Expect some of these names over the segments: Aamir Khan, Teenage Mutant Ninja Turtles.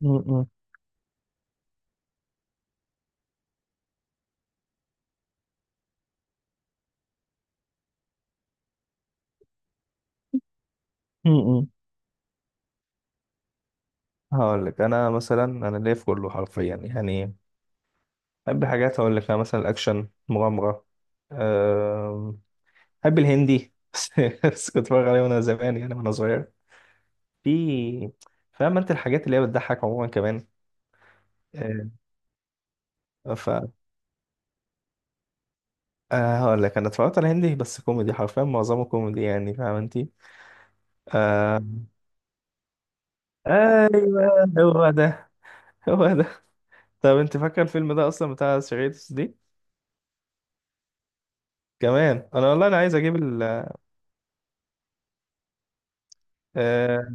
م- م- م- م. هقول لك انا مثلا انا ليا في كله حرفيا يعني بحب حاجات، هقول لك انا مثلا الاكشن مغامره. أم، بحب الهندي بس كنت بتفرج عليه وانا زمان يعني وانا صغير. في، فاهم انت الحاجات اللي هي بتضحك عموما كمان. أه. ف أه، هقول لك انا اتفرجت على هندي بس كوميدي، حرفيا معظمه كوميدي يعني فاهم انت. أم، ايوه هو ده، هو ده. طب انت فاكر الفيلم ده اصلا بتاع سيريتس دي؟ كمان انا والله انا عايز اجيب. آه،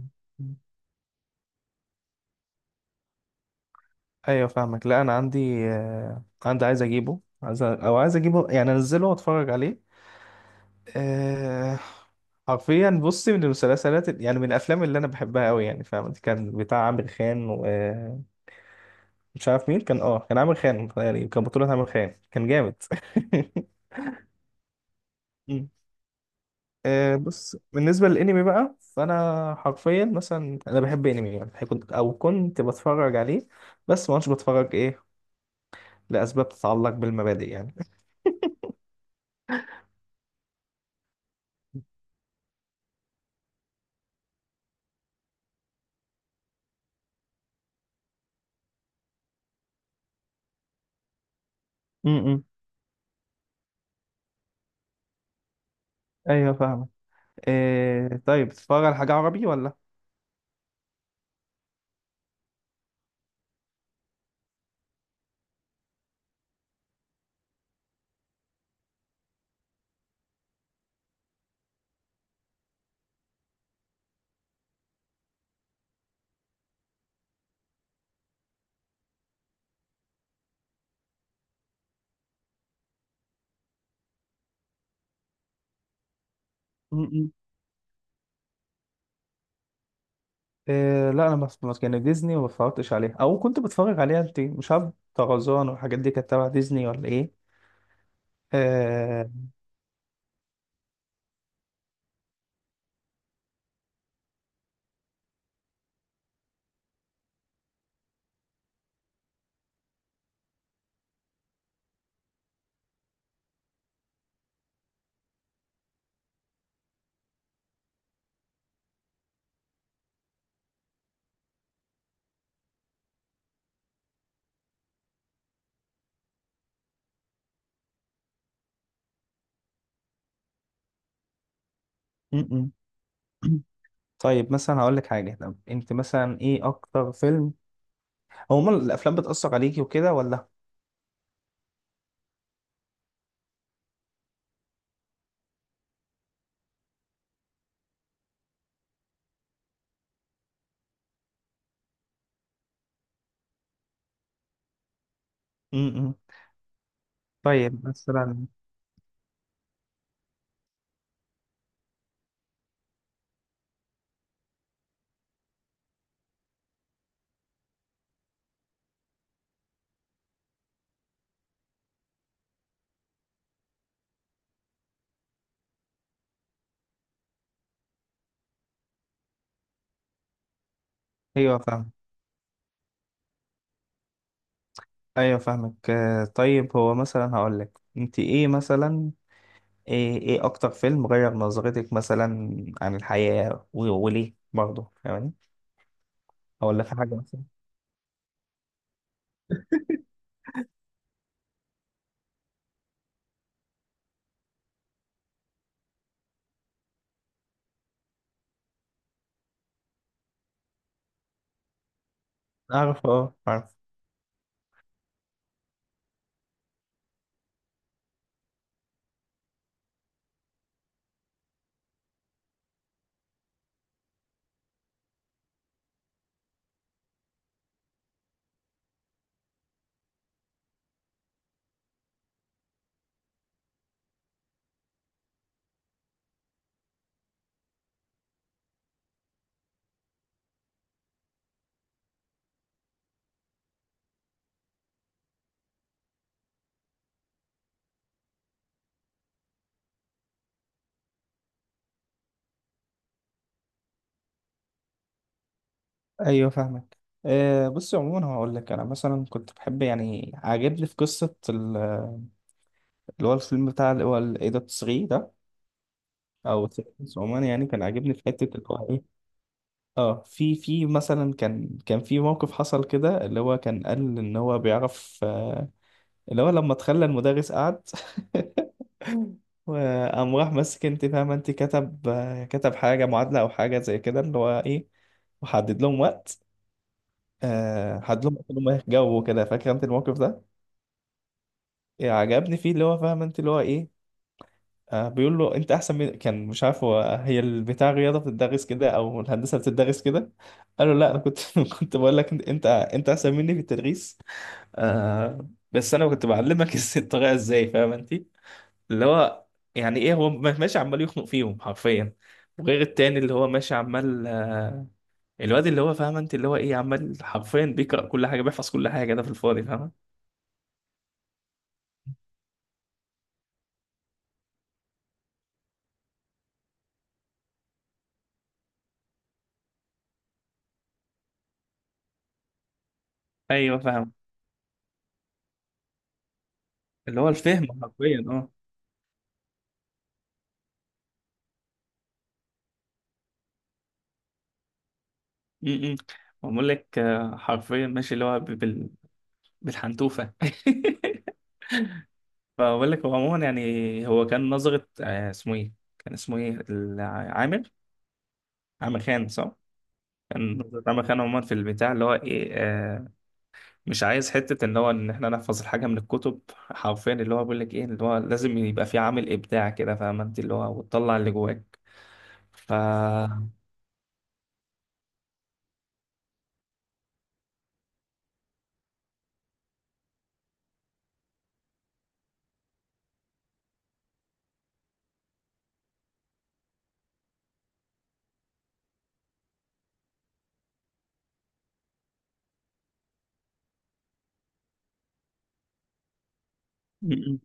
ايوه فاهمك. لا انا عندي، آه، عندي عايز اجيبه، عايز او عايز اجيبه يعني انزله واتفرج عليه. آه، حرفيا بصي، من المسلسلات يعني من الافلام اللي انا بحبها قوي يعني فاهم، كان بتاع عامر خان ومش عارف مين كان. اه كان عامر خان، يعني كان بطولة عامر خان، كان جامد مم. آه، بص بالنسبة للانمي بقى، فانا حرفيا مثلا انا بحب انمي يعني، كنت بتفرج عليه بس ما كنتش بتفرج، ايه، لاسباب تتعلق بالمبادئ يعني. امم، ايوه فاهمك. إيه طيب، بتتفرج على حاجه عربي ولا؟ م- م. إيه لا انا، بس يعني ديزني ما بتفرجتش عليها، او كنت بتفرج عليها، انت مش عارف طرزان والحاجات دي كانت تبع ديزني ولا ايه؟ إيه. م- م. طيب مثلا هقول لك حاجه، طب انت مثلا ايه اكتر فيلم، هو الافلام بتاثر عليكي وكده ولا؟ امم. طيب مثلا. ايوه فاهم. ايوه فاهمك، آه، طيب هو مثلا هقول لك، انت ايه مثلا، ايه ايه اكتر فيلم غير نظرتك مثلا عن الحياة و- وليه برضه، فاهماني؟ او ولا في حاجة مثلا. اعرف، اه عارف. ايوه فاهمك، آه بصي عموما هقول لك انا مثلا كنت بحب يعني، عاجبني في قصة اللي هو الفيلم بتاع اللي هو الايه ده 3، ده او 3. عموما يعني كان عاجبني في حتة اللي هو ايه. اه، في مثلا، كان في موقف حصل كده، اللي هو كان قال ان هو بيعرف. آه، اللي هو لما تخلى المدرس قعد وقام راح ماسك، انت فاهمة انت، كتب حاجة، معادلة أو حاجة زي كده، اللي هو إيه، وحدد لهم وقت. آه، حدد لهم وقت إنهم يجاوبوا كده، فاكرة انت الموقف ده؟ إيه، عجبني فيه اللي هو فاهمة انت اللي هو إيه، آه، بيقول له انت احسن من، كان مش عارف هو هي البتاع الرياضه بتدرس كده او الهندسه بتدرس كده، قال له لا انا كنت كنت بقول لك انت، أنت احسن مني في التدريس، آه بس انا كنت بعلمك الطريقه ازاي، فاهم انت؟ اللي هو يعني ايه، هو ماشي عمال يخنق فيهم حرفيا، وغير التاني اللي هو ماشي عمال، آه، الواد اللي هو فاهم انت اللي هو ايه، عمال حرفيا بيقرأ كل حاجة، بيحفظ كل حاجة، ده في الفاضي فاهم. ايوه فاهم، اللي هو الفهم حرفيا، اه. م- م. بقول لك آه، حرفيا ماشي اللي هو بال... بالحنتوفة فبقول لك هو عموما يعني، هو كان نظرة، آه، اسمه ايه، كان اسمه ايه عامر، عامر خان، صح؟ كان نظرة عامر خان عموما في البتاع اللي هو ايه، آه، مش عايز حتة ان هو ان احنا نحفظ الحاجة من الكتب حرفيا، اللي هو بيقول لك ايه، اللي هو لازم يبقى في عامل ابداع كده فاهم انت، اللي هو وتطلع اللي جواك. ف م-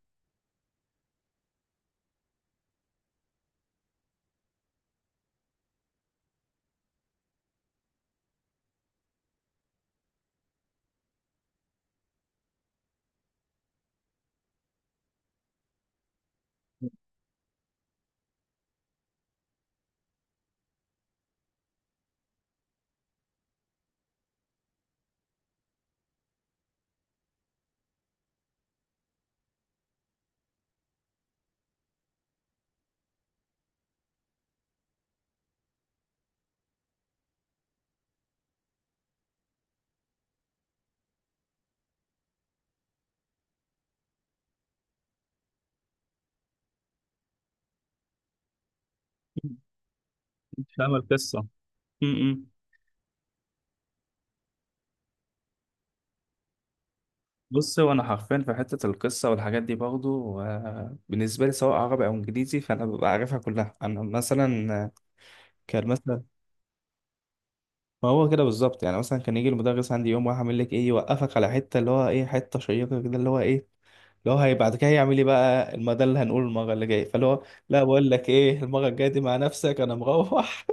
م- مش فاهم القصة. م- م. بص هو انا حرفيا في حتة القصة والحاجات دي برضو، آه، بالنسبة لي سواء عربي او انجليزي فانا ببقى عارفها كلها، انا مثلا آه، كان مثلا، ما هو كده بالظبط يعني، مثلا كان يجي المدرس عندي يوم واحد عامل لك ايه، يوقفك على حته اللي هو ايه، حته شيقه كده اللي هو ايه، اللي هو هي بعد كده هيعمل ايه بقى ده اللي هنقوله المره اللي جايه، فاللي هو لا بقول لك ايه، المره الجايه دي مع نفسك، انا مروح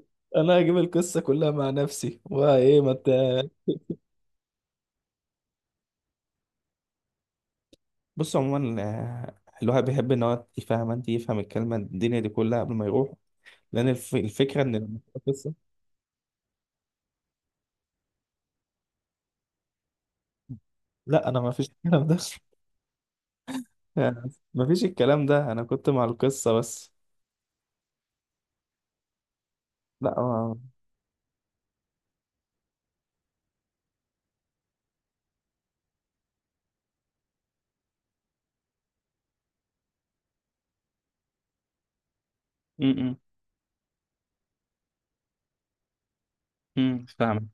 انا هجيب القصه كلها مع نفسي وايه، ما انت، بص عموما آه، الواحد بيحب ان هو يفهم، انت يفهم الكلمه الدنيا دي كلها قبل ما يروح، لان الفكره ان لما تبقى قصه، لا انا ما فيش الكلام ده يعني ما فيش الكلام ده، انا كنت مع القصه بس. لا ما- م- م. فاهم.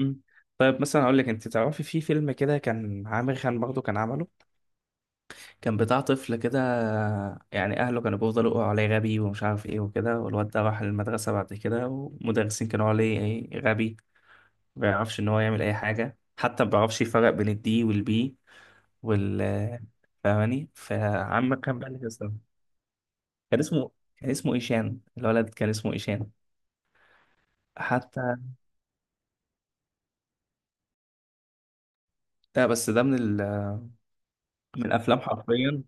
امم، طيب مثلا اقول لك، انت تعرفي في فيلم كده كان عامر خان برضه كان عمله، كان بتاع طفل كده، يعني اهله كانوا بيفضلوا يقولوا عليه غبي ومش عارف ايه وكده، والواد ده راح المدرسه بعد كده والمدرسين كانوا يقولوا عليه ايه غبي، ما بيعرفش ان هو يعمل اي حاجه، حتى ما بيعرفش يفرق بين الدي والبي، وال، فاهماني؟ فعمر خان بقى اللي كان اسمه، كان اسمه كان اسمه ايشان، الولد كان اسمه ايشان، حتى ده، بس ده من ال... من الافلام حرفيا.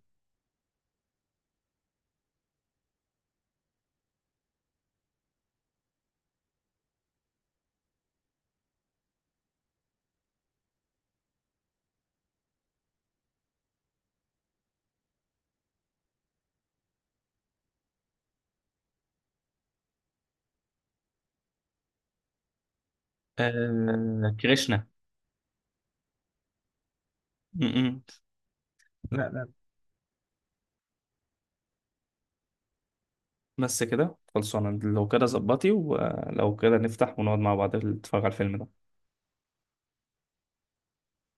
آه... كريشنا. م-م. لا لا، بس كده خلصانة، لو كده ظبطي، ولو كده نفتح ونقعد مع بعض نتفرج على الفيلم ده.